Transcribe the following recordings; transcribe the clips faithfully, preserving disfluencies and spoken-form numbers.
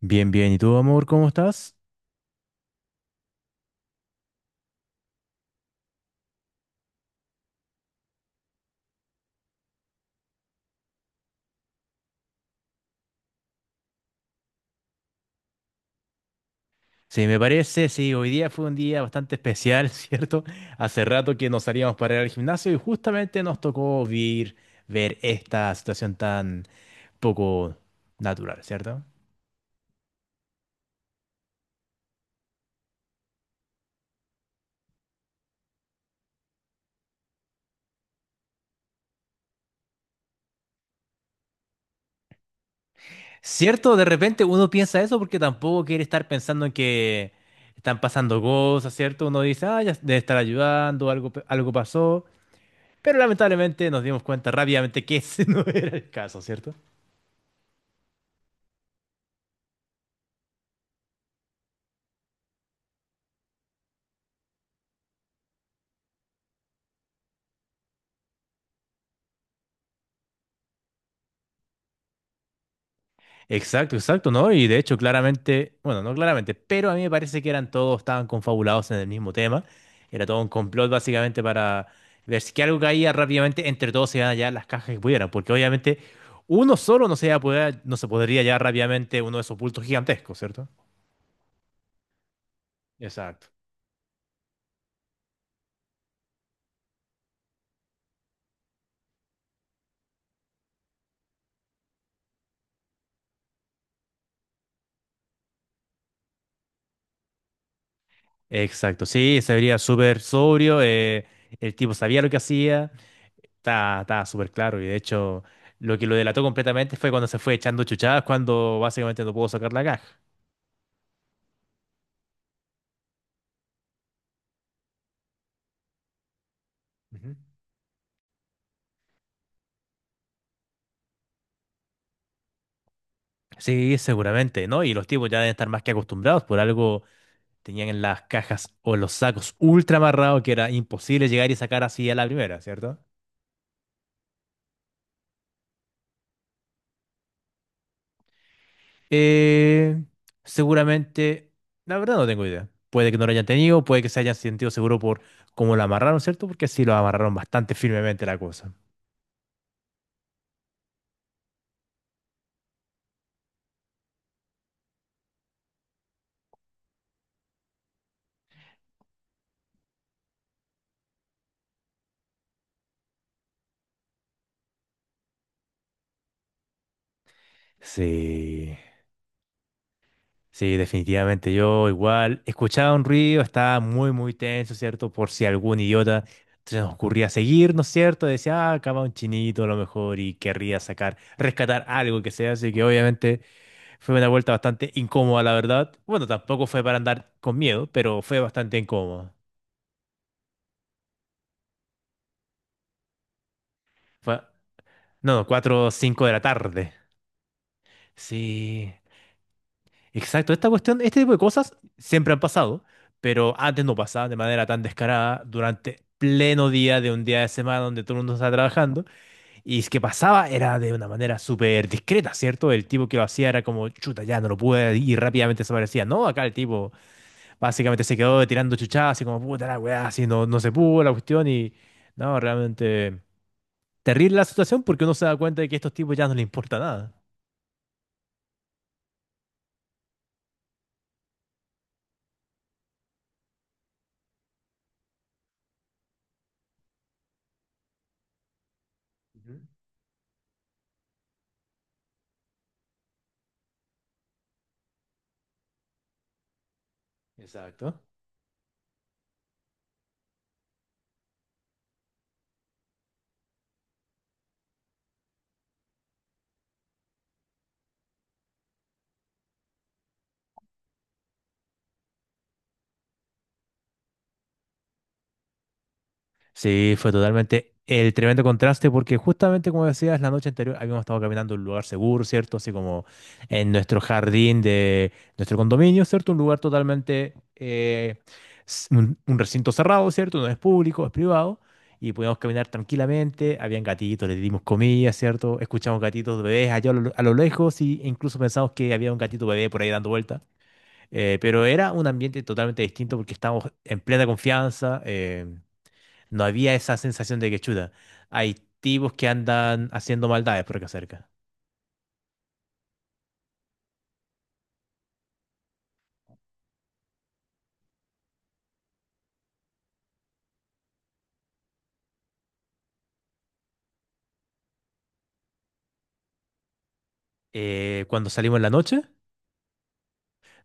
Bien, bien. ¿Y tú, amor, cómo estás? Sí, me parece, sí, hoy día fue un día bastante especial, ¿cierto? Hace rato que nos salíamos para ir al gimnasio y justamente nos tocó vir- ver esta situación tan poco natural, ¿cierto? Cierto, de repente uno piensa eso porque tampoco quiere estar pensando en que están pasando cosas, ¿cierto? Uno dice, ah, ya debe estar ayudando, algo, pe- algo pasó, pero lamentablemente nos dimos cuenta rápidamente que ese no era el caso, ¿cierto? Exacto, exacto, ¿no? Y de hecho, claramente, bueno, no claramente, pero a mí me parece que eran todos, estaban confabulados en el mismo tema. Era todo un complot básicamente para ver si que algo caía rápidamente, entre todos se iban a llevar las cajas que pudieran, porque obviamente uno solo no se, iba a poder- no se podría llevar rápidamente uno de esos bultos gigantescos, ¿cierto? Exacto. Exacto, sí, se vería súper sobrio, eh, el tipo sabía lo que hacía, estaba, estaba súper claro y de hecho lo que lo delató completamente fue cuando se fue echando chuchadas cuando básicamente no pudo sacar la caja. Ujú. Sí, seguramente, ¿no? Y los tipos ya deben estar más que acostumbrados, por algo tenían en las cajas o en los sacos ultra amarrados que era imposible llegar y sacar así a la primera, ¿cierto? Eh, seguramente, la verdad no tengo idea. Puede que no lo hayan tenido, puede que se hayan sentido seguro por cómo lo amarraron, ¿cierto? Porque sí lo amarraron bastante firmemente la cosa. Sí, sí, definitivamente. Yo igual escuchaba un ruido, estaba muy, muy tenso, ¿cierto? Por si algún idiota se nos ocurría seguir, ¿no es cierto? Decía, ah, acá va un chinito a lo mejor y querría sacar, rescatar algo que sea. Así que obviamente fue una vuelta bastante incómoda, la verdad. Bueno, tampoco fue para andar con miedo, pero fue bastante incómoda. Fue- No, cuatro o cinco de la tarde. Sí, exacto. Esta cuestión, este tipo de cosas siempre han pasado, pero antes no pasaba de manera tan descarada durante pleno día de un día de semana donde todo el mundo está trabajando. Y es que pasaba era de una manera súper discreta, ¿cierto? El tipo que lo hacía era como, chuta, ya no lo pude y rápidamente desaparecía. No, acá el tipo básicamente se quedó tirando chuchadas así como, puta la weá, así no, no se pudo la cuestión y no, realmente terrible la situación porque uno se da cuenta de que a estos tipos ya no les importa nada. Ujú. Exacto. Sí, fue totalmente el tremendo contraste porque justamente como decías, la noche anterior habíamos estado caminando en un lugar seguro, ¿cierto? Así como en nuestro jardín de nuestro condominio, ¿cierto? Un lugar totalmente, eh, s- un, un recinto cerrado, ¿cierto? No es público, es privado. Y podíamos caminar tranquilamente, habían gatitos, les dimos comida, ¿cierto? Escuchamos gatitos bebés allá a lo, a lo lejos y- e incluso pensamos que había un gatito bebé por ahí dando vueltas. Eh, pero era un ambiente totalmente distinto porque estábamos en plena confianza. eh, no había esa sensación de que chuta. Hay tipos que andan haciendo maldades por acá cerca. Eh, cuando salimos en la noche.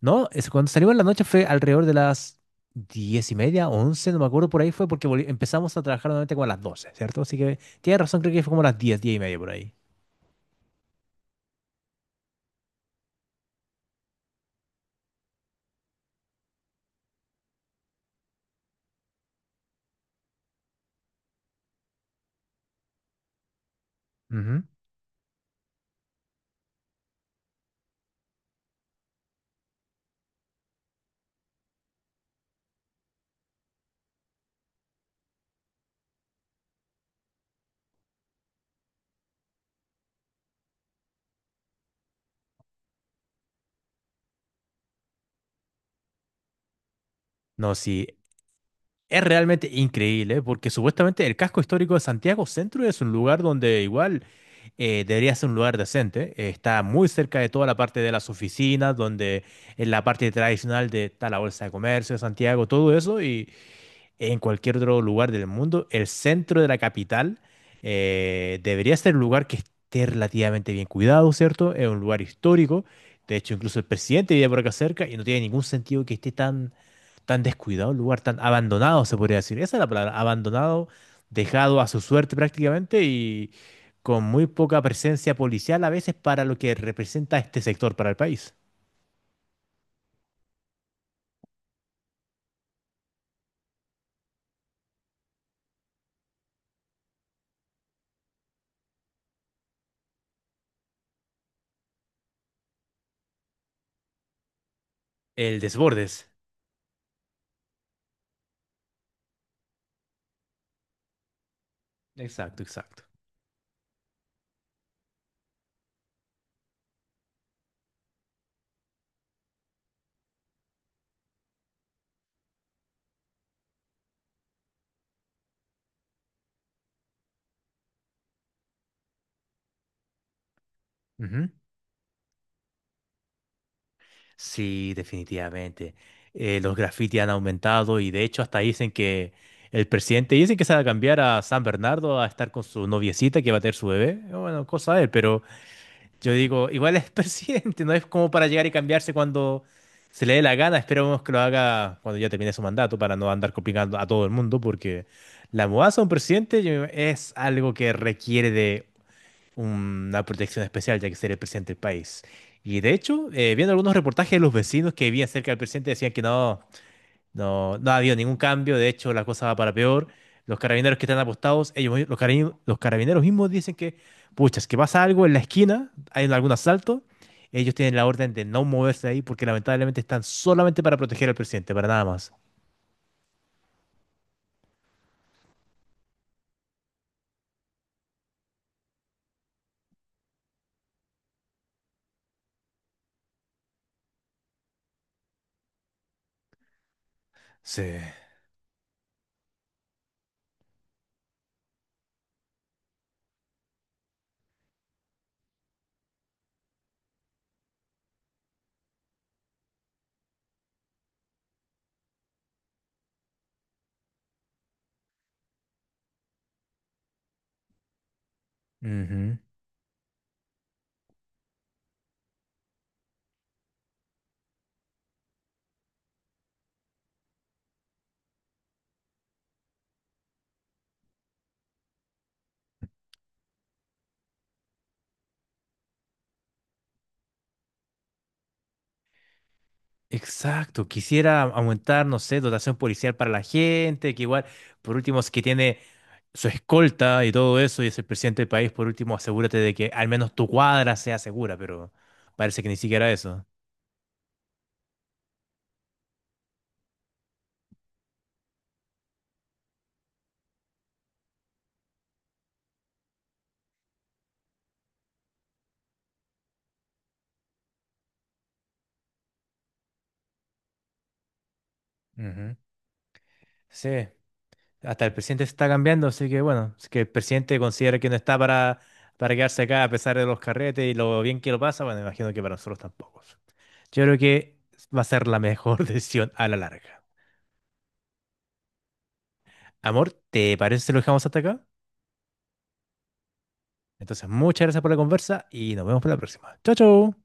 No, es cuando salimos en la noche fue alrededor de las diez y media, once, no me acuerdo por ahí fue porque volvi- empezamos a trabajar nuevamente como a las doce, ¿cierto? Así que tienes razón, creo que fue como a las diez, diez y media por ahí. Ujú. No, sí, es realmente increíble, ¿eh? Porque supuestamente el casco histórico de Santiago Centro es un lugar donde igual eh, debería ser un lugar decente. Eh, está muy cerca de toda la parte de las oficinas, donde en la parte tradicional de, está la Bolsa de Comercio de Santiago, todo eso, y en cualquier otro lugar del mundo, el centro de la capital eh, debería ser un lugar que esté relativamente bien cuidado, ¿cierto? Es un lugar histórico. De hecho, incluso el presidente vive por acá cerca y no tiene ningún sentido que esté tan tan descuidado el lugar, tan abandonado, se podría decir. Esa es la palabra, abandonado, dejado a su suerte prácticamente y con muy poca presencia policial a veces para lo que representa este sector para el país. El Desbordes. Exacto, exacto. Ujú. Sí, definitivamente. Eh, los grafitis han aumentado y de hecho hasta dicen que el presidente dice que se va a cambiar a San Bernardo a estar con su noviecita que va a tener su bebé. Bueno, cosa de él, pero yo digo, igual es presidente, no es como para llegar y cambiarse cuando se le dé la gana. Esperemos que lo haga cuando ya termine su mandato para no andar complicando a todo el mundo, porque la mudanza de un presidente yo- es algo que requiere de una protección especial, ya que ser el presidente del país. Y de hecho, eh, viendo algunos reportajes de los vecinos que vivían cerca del presidente, decían que no. No, no ha habido ningún cambio, de hecho la cosa va para peor. Los carabineros que están apostados, ellos, mi- los carabineros, los carabineros mismos dicen que, pucha, es que pasa algo en la esquina, hay algún asalto, ellos tienen la orden de no moverse ahí porque lamentablemente están solamente para proteger al presidente, para nada más. Sí. Ujú. Exacto, quisiera aumentar, no sé, dotación policial para la gente, que igual, por último, si es que tiene su escolta y todo eso, y es el presidente del país, por último, asegúrate de que al menos tu cuadra sea segura, pero parece que ni siquiera eso. Ujú. Sí, hasta el presidente se está cambiando, así que bueno, si es que el presidente considera que no está para, para quedarse acá a pesar de los carretes y lo bien que lo pasa, bueno, imagino que para nosotros tampoco. Yo creo que va a ser la mejor decisión a la larga. Amor, ¿te parece si lo dejamos hasta acá? Entonces, muchas gracias por la conversa y nos vemos para la próxima. Chao, chao.